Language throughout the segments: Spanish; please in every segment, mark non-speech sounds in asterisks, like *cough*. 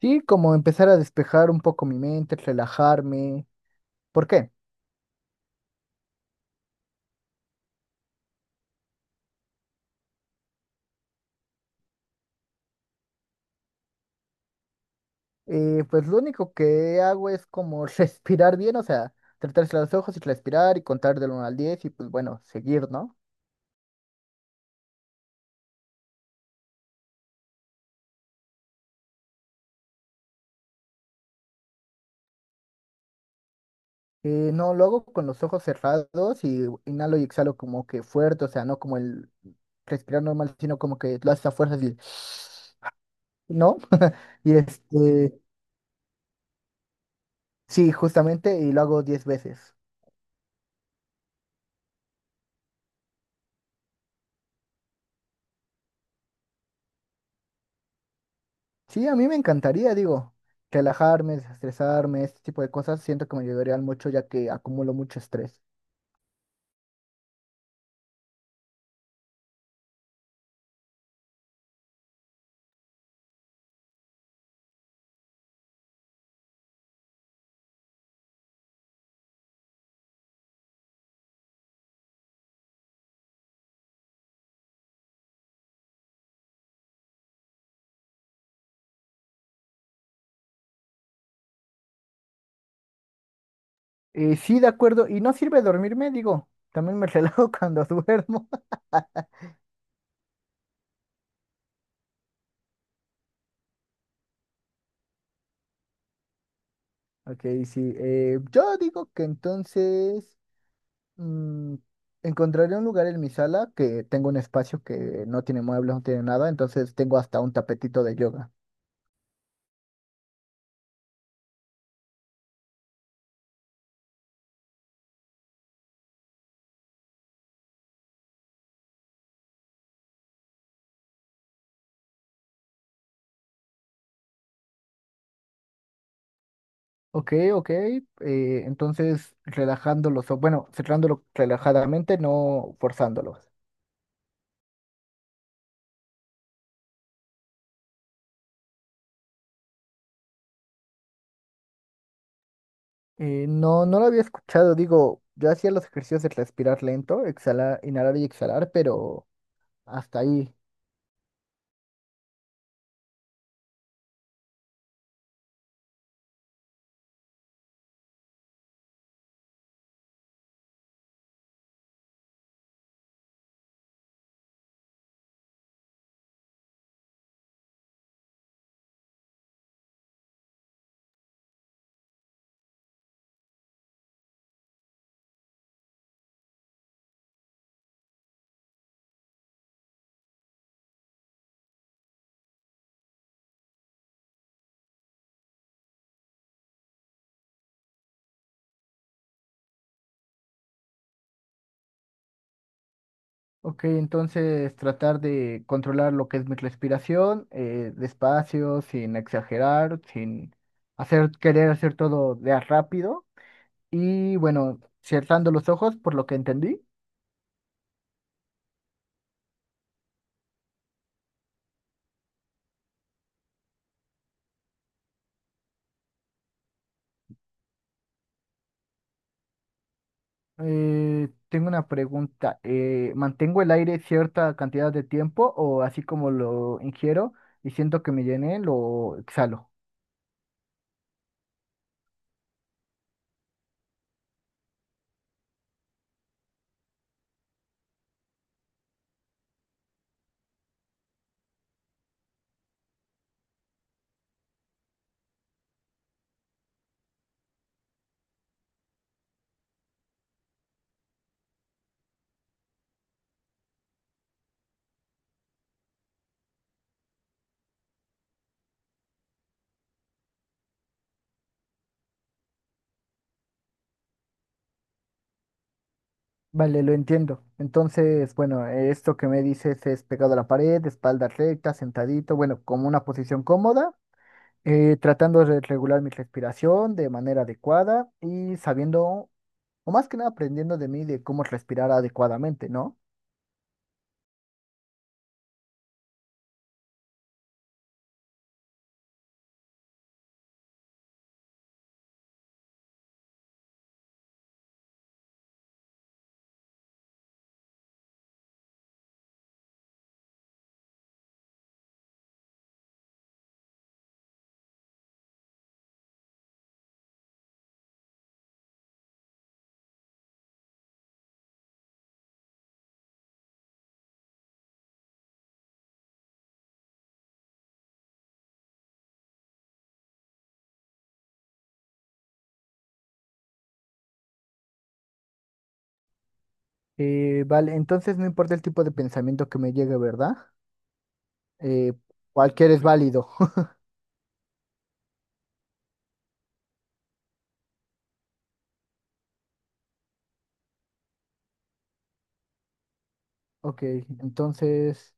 Sí, como empezar a despejar un poco mi mente, relajarme. ¿Por qué? Pues lo único que hago es como *laughs* respirar bien, o sea, tratarse los ojos y respirar y contar del uno al 10 y pues bueno, seguir, ¿no? No, lo hago con los ojos cerrados y inhalo y exhalo como que fuerte, o sea, no como el respirar normal, sino como que lo haces a fuerzas y... *sniffs* ¿No? *laughs* Y este, sí, justamente, y lo hago 10 veces. Sí, a mí me encantaría, digo, relajarme, desestresarme, este tipo de cosas, siento que me ayudarían mucho ya que acumulo mucho estrés. Sí, de acuerdo, y no sirve dormirme, digo, también me *laughs* relajo cuando duermo. *laughs* Ok, sí, yo digo que entonces mm, encontraré un lugar en mi sala que tengo un espacio que no tiene muebles, no tiene nada, entonces tengo hasta un tapetito de yoga. Ok, ok, entonces relajándolo, bueno, cerrándolo relajadamente, no forzándolo. No, no lo había escuchado. Digo, yo hacía los ejercicios de respirar lento, exhalar, inhalar y exhalar, pero hasta ahí. Ok, entonces tratar de controlar lo que es mi respiración, despacio, sin exagerar, sin hacer, querer hacer todo de a rápido. Y bueno, cerrando los ojos, por lo que entendí. Tengo una pregunta. ¿Mantengo el aire cierta cantidad de tiempo o así como lo ingiero y siento que me llené, lo exhalo? Vale, lo entiendo. Entonces, bueno, esto que me dices es pegado a la pared, espalda recta, sentadito, bueno, como una posición cómoda, tratando de regular mi respiración de manera adecuada y sabiendo, o más que nada aprendiendo de mí de cómo respirar adecuadamente, ¿no? Vale, entonces no importa el tipo de pensamiento que me llegue, ¿verdad? Eh, Cualquier es válido. *laughs* Ok, entonces...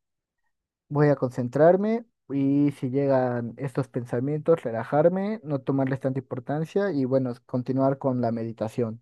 Voy a concentrarme y si llegan estos pensamientos, relajarme, no tomarles tanta importancia y bueno, continuar con la meditación.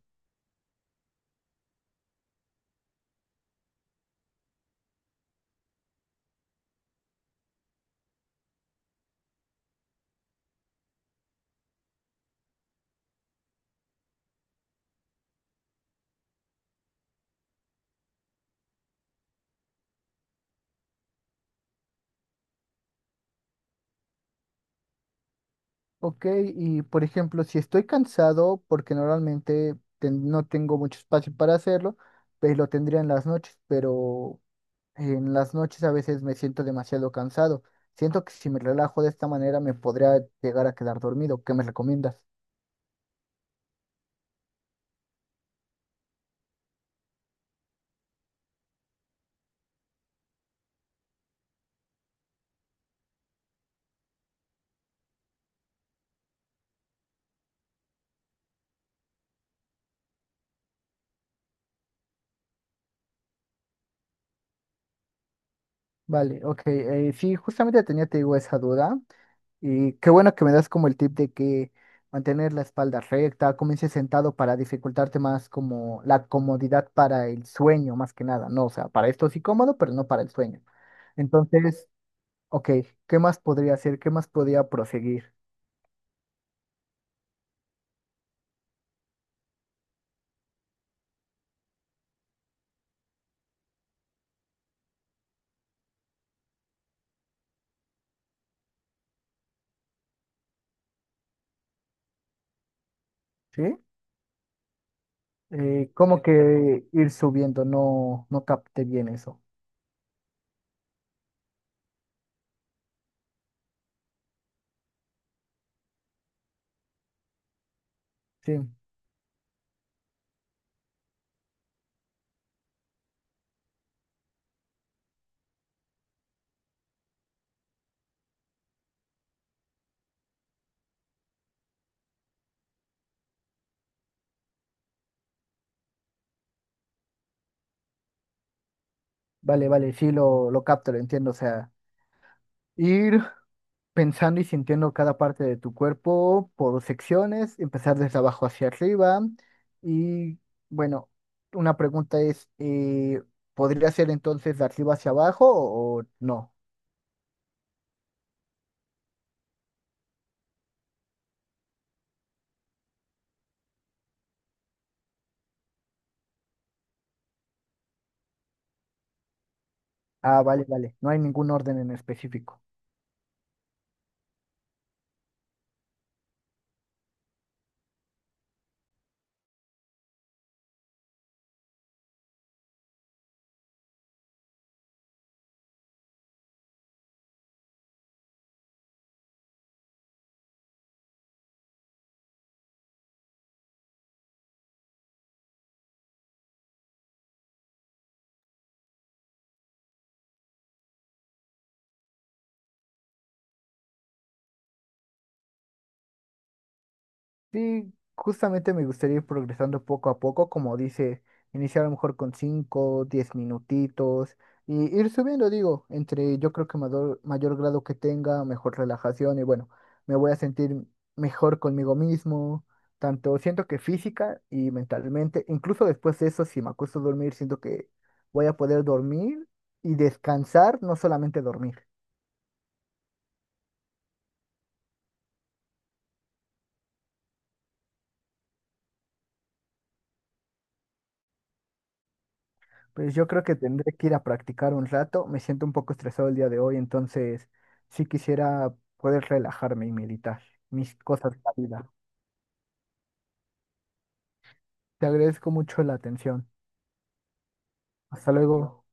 Ok, y por ejemplo, si estoy cansado, porque normalmente no tengo mucho espacio para hacerlo, pues lo tendría en las noches, pero en las noches a veces me siento demasiado cansado. Siento que si me relajo de esta manera me podría llegar a quedar dormido. ¿Qué me recomiendas? Vale, ok. Sí, justamente tenía, te digo, esa duda. Y qué bueno que me das como el tip de que mantener la espalda recta, comience sentado para dificultarte más como la comodidad para el sueño, más que nada, ¿no? O sea, para esto sí cómodo, pero no para el sueño. Entonces, ok, ¿qué más podría hacer? ¿Qué más podría proseguir? ¿Sí? Como que ir subiendo, no, no capté bien eso. Sí, vale, vale, sí lo capto, lo entiendo. O sea, ir pensando y sintiendo cada parte de tu cuerpo por secciones, empezar desde abajo hacia arriba. Y bueno, una pregunta es, ¿podría ser entonces de arriba hacia abajo o no? Ah, vale, vale, no hay ningún orden en específico. Sí, justamente me gustaría ir progresando poco a poco, como dice, iniciar a lo mejor con 5, 10 minutitos y ir subiendo, digo, entre yo creo que mayor, mayor grado que tenga, mejor relajación y bueno, me voy a sentir mejor conmigo mismo, tanto siento que física y mentalmente, incluso después de eso, si me acuesto a dormir, siento que voy a poder dormir y descansar, no solamente dormir. Pues yo creo que tendré que ir a practicar un rato. Me siento un poco estresado el día de hoy, entonces sí quisiera poder relajarme y meditar mis cosas de la vida. Te agradezco mucho la atención. Hasta luego.